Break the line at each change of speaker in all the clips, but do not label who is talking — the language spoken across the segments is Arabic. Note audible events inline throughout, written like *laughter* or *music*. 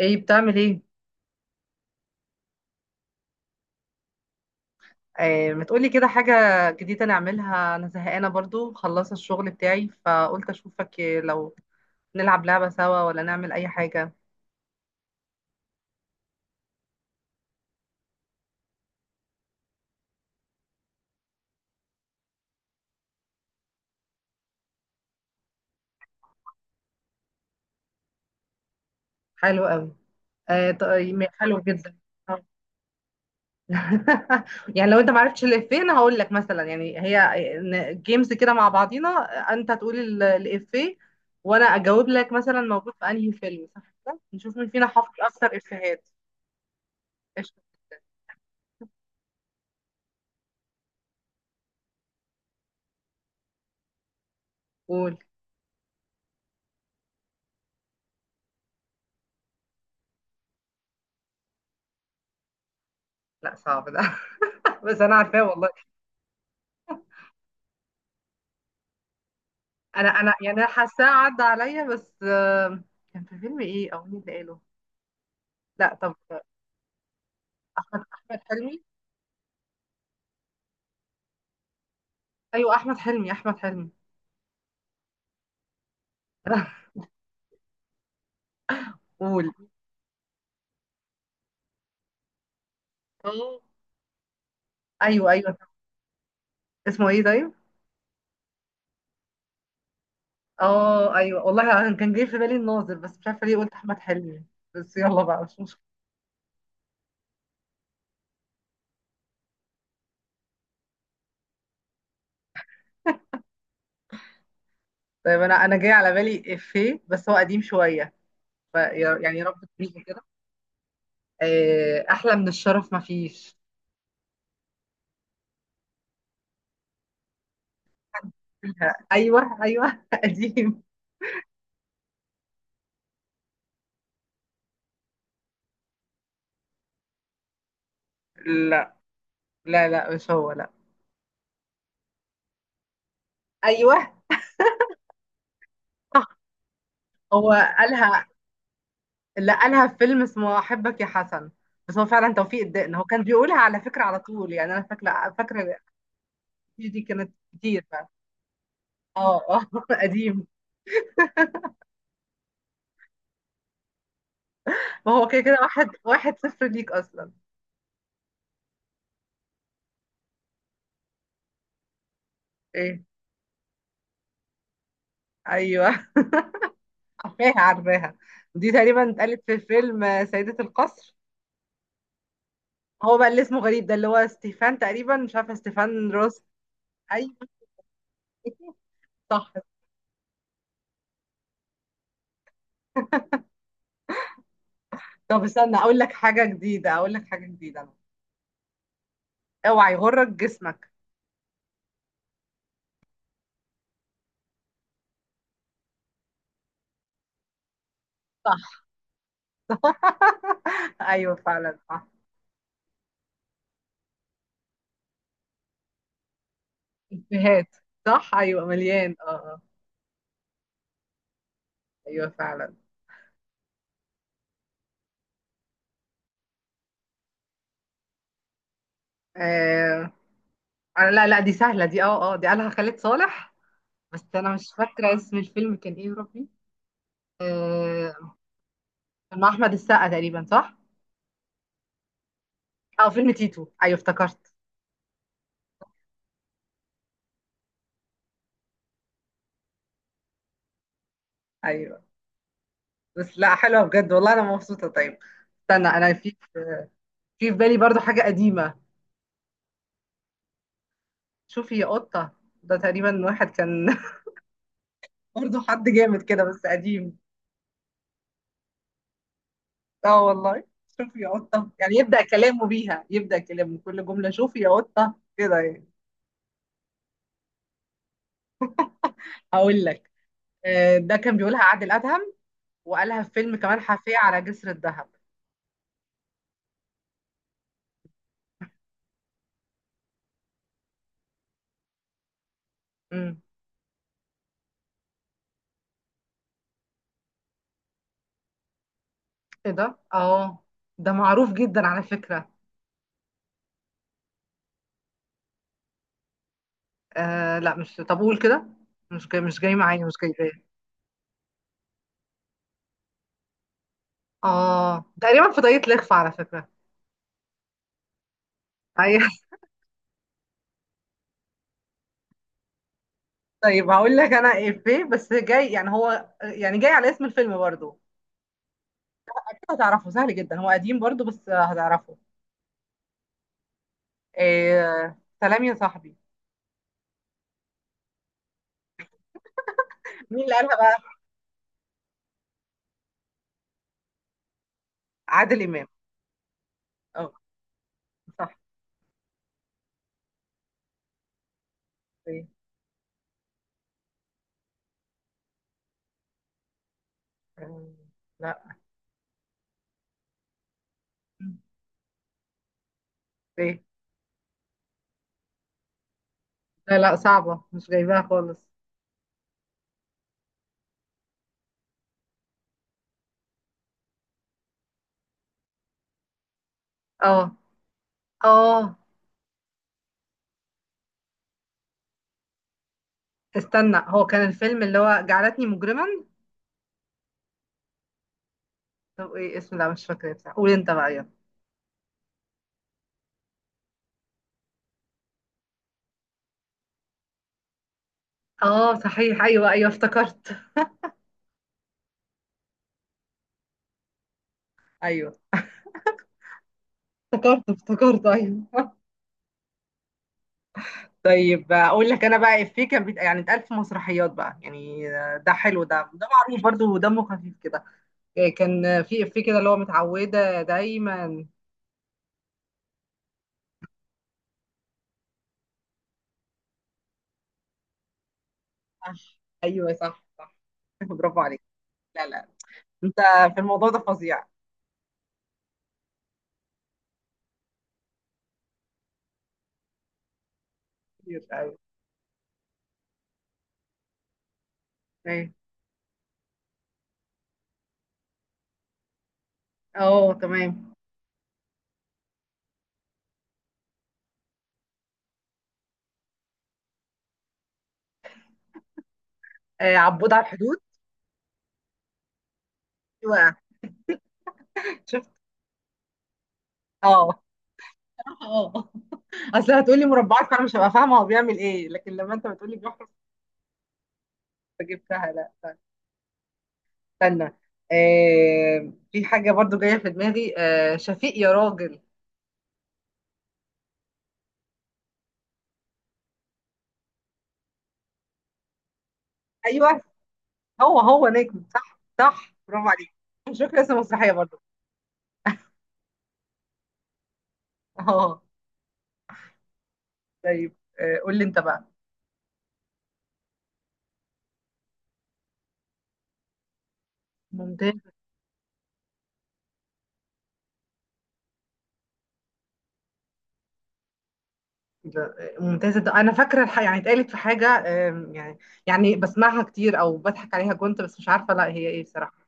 ايه بتعمل ايه؟ آه، ما تقولي كده حاجة جديدة نعملها. انا زهقانة برضو، خلصت الشغل بتاعي فقلت اشوفك لو نلعب لعبة سوا ولا نعمل اي حاجة. حلو قوي. آه، طيب حلو جدا. آه. *laughs* يعني لو انت معرفتش الافيه انا هقول لك مثلا، يعني هي جيمز كده مع بعضينا. انت تقول الافيه. وانا اجاوب لك مثلا موجود في انهي فيلم، صح كده نشوف مين فينا حافظ اكتر افيهات. قشطة. قول. لا صعب ده. *laughs* بس انا عارفاه والله. انا يعني انا حاساه عدى عليا، بس كان في فيلم ايه او مين اللي قاله؟ لا طب. احمد حلمي. ايوه احمد حلمي احمد حلمي. *laughs* قول. اه ايوه ايوه. اسمه ايه طيب؟ اه ايوه والله، أنا كان جاي في بالي الناظر بس مش عارفه ليه قلت احمد حلمي. بس يلا بقى، مش مشكله. طيب انا جاي على بالي افيه بس هو قديم شويه. ف يعني رب تريحي كده. آه، احلى من الشرف ما فيش. ايوه ايوه. *laughs* قديم. لا لا لا مش هو، لا. ايوه، هو قالها. لا، قالها في فيلم اسمه احبك يا حسن. بس هو فعلا توفيق الدقن، هو كان بيقولها على فكره على طول، يعني انا فاكره فاكره. دي كانت كتير بقى. اه اه. *laughs* قديم. ما هو كده كده واحد واحد صفر ليك اصلا. ايه؟ ايوه. *laughs* عارفاها عارفاها. دي تقريبا اتقالت في فيلم سيدة القصر. هو بقى اللي اسمه غريب ده، اللي هو ستيفان تقريبا، مش عارفه ستيفان روس. ايوه. *laughs* صح. طب استنى اقول لك حاجه جديده، اقول لك حاجه جديده. اوعى يغرك جسمك. صح. *laughs* ايوه فعلا صح. افيهات. صح ايوه مليان، اه اه. ايوه فعلا. آه. آه، لا لا دي سهله دي، اه اه، دي قالها خالد صالح. بس انا مش فاكره اسم الفيلم كان ايه يا ربي. آه. كان مع احمد السقا تقريبا، صح؟ اه فيلم تيتو، ايوه افتكرت. ايوه بس لا حلوه بجد والله، انا مبسوطه. طيب استنى، انا في بالي برضو حاجه قديمه. شوفي يا قطه. ده تقريبا واحد كان *laughs* برضو حد جامد كده بس قديم. اه والله. شوف يا قطة، يعني يبدأ كلامه بيها، يبدأ كلامه كل جملة شوف يا قطة كده يعني. هقول لك. آه، ده كان بيقولها عادل أدهم. وقالها في فيلم كمال حفية على جسر الذهب. امم. ايه ده؟ اه، ده معروف جدا على فكرة. آه لا مش، طب قول كده. مش جاي، مش جاي معايا، مش جاي جاي. اه تقريبا في طريقة لخفة على فكرة. ايوه. *laughs* طيب هقول لك انا ايه، بس جاي يعني هو يعني جاي على اسم الفيلم برضو. اكيد هتعرفه، سهل جدا، هو قديم برضو بس هتعرفه. آه سلام يا صاحبي. مين اللي قالها بقى؟ عادل امام. اه صح. ايه؟ آه، لا. ايه؟ لا لا صعبه، مش جايباها خالص. اه اه. استنى، هو كان الفيلم اللي هو جعلتني مجرما؟ طب ايه اسمه؟ لا مش فاكره بصراحه، قول انت بقى يلا. اه صحيح ايوه ايوه افتكرت. ايوه افتكرت افتكرت ايوه. *laughs* طيب اقول لك انا بقى افيه كان يعني اتقال في مسرحيات بقى، يعني ده حلو، ده معروف برضه ودمه خفيف كده. إيه، كان في إفيه كده اللي هو متعودة دايما. صح. ايوه صح صح. *laughs* برافو عليك. لا لا. انت في الموضوع ده فظيع. كتير أوي. ايه؟ اه تمام. آه عبود على الحدود. ايوه شفت. اه. *laughs* اه. اصل هتقولي مربعات فانا مش هبقى فاهمه هو بيعمل ايه، لكن لما انت بتقولي بيحفظ فجبتها. لا لا. استنى، آه في حاجه برضو جايه في دماغي، شفيق يا راجل. ايوه، هو هو نجم، صح صح برافو عليك. مش فاكره اسم المسرحيه برضو. اه طيب، آه، قول لي انت بقى. ممتازة. ممتازة ده أنا فاكرة يعني اتقالت في حاجة. يعني يعني بسمعها كتير أو بضحك عليها كنت، بس مش عارفة لا هي إيه بصراحة.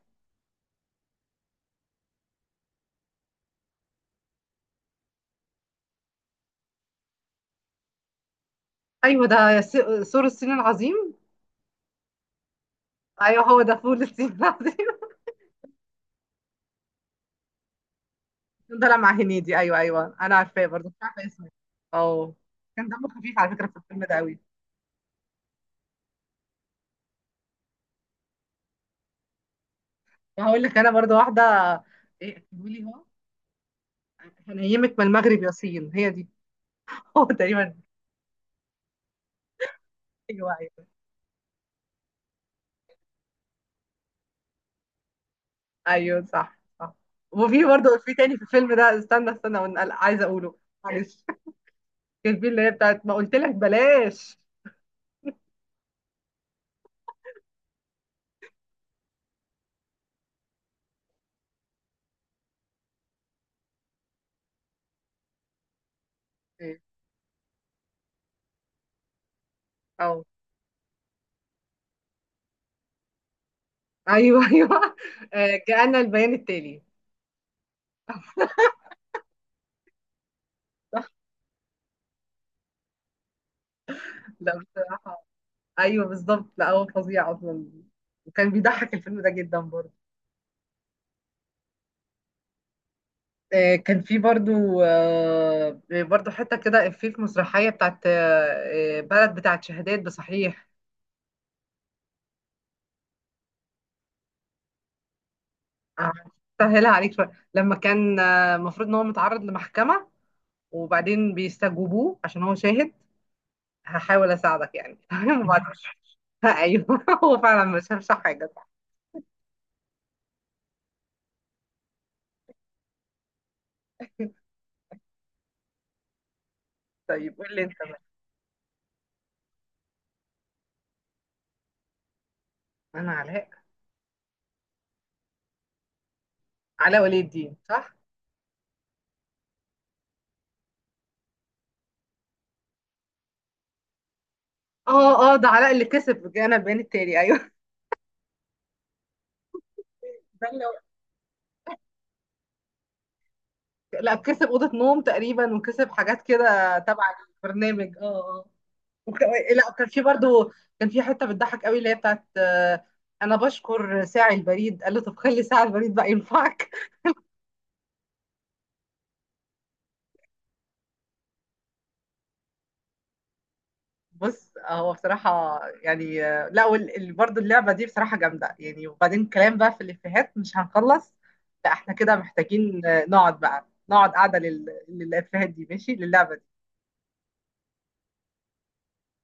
أيوه ده سور الصين العظيم. أيوه هو ده فول الصين العظيم. *laughs* كان طالع مع هنيدي، أيوه أيوه أنا عارفاه برضه مش عارفة اسمه. أه. كان دمه خفيف على فكرة في الفيلم ده أوي. وهقول لك أنا برضه واحدة. إيه قولي. هو هنيمك من المغرب يا صين، هي دي. *laughs* هو تقريبا. أيوه أيوة. ايوه صح صح. وفي برضه في تاني في الفيلم ده، استنى استنى، وانا عايزه اقوله. معلش. كان في اللي هي بتاعت ما قلت لك بلاش. اه ايوه ايوه. آه، جاءنا البيان التالي. صح. لا بصراحه. ايوه بالظبط، لا هو فظيع اصلا. وكان بيضحك الفيلم ده جدا برضه. آه، كان في برضه. آه، برضه حته كده إفيه في مسرحيه بتاعت بلد بتاعت شهادات بصحيح. آه، سهلها عليك شويه، لما كان المفروض ان هو متعرض لمحكمه. وبعدين بيستجوبوه عشان هو شاهد. هحاول اساعدك يعني، تمام؟ وبعدين. *laughs* ايوه. هو فعلا مش هفشح حاجه. طيب قول لي انت بقى. انا علاء. علاء ولي الدين صح؟ اه اه، ده علاء اللي كسب انا البيان التالي، ايوه. *laughs* ده اللي لا كسب اوضه نوم تقريبا، وكسب حاجات كده تبع البرنامج، اه اه. وك... لا كان في برضو، كان في حته بتضحك قوي اللي هي بتاعت انا بشكر ساعي البريد، قال له طب خلي ساعي البريد بقى ينفعك. بص هو بصراحة يعني، لا، برضه اللعبة دي بصراحة جامدة يعني، وبعدين كلام بقى في الإفيهات مش هنخلص. لا احنا كده محتاجين، نقعد بقى نقعد قاعدة للإفيهات دي، ماشي للعبة دي.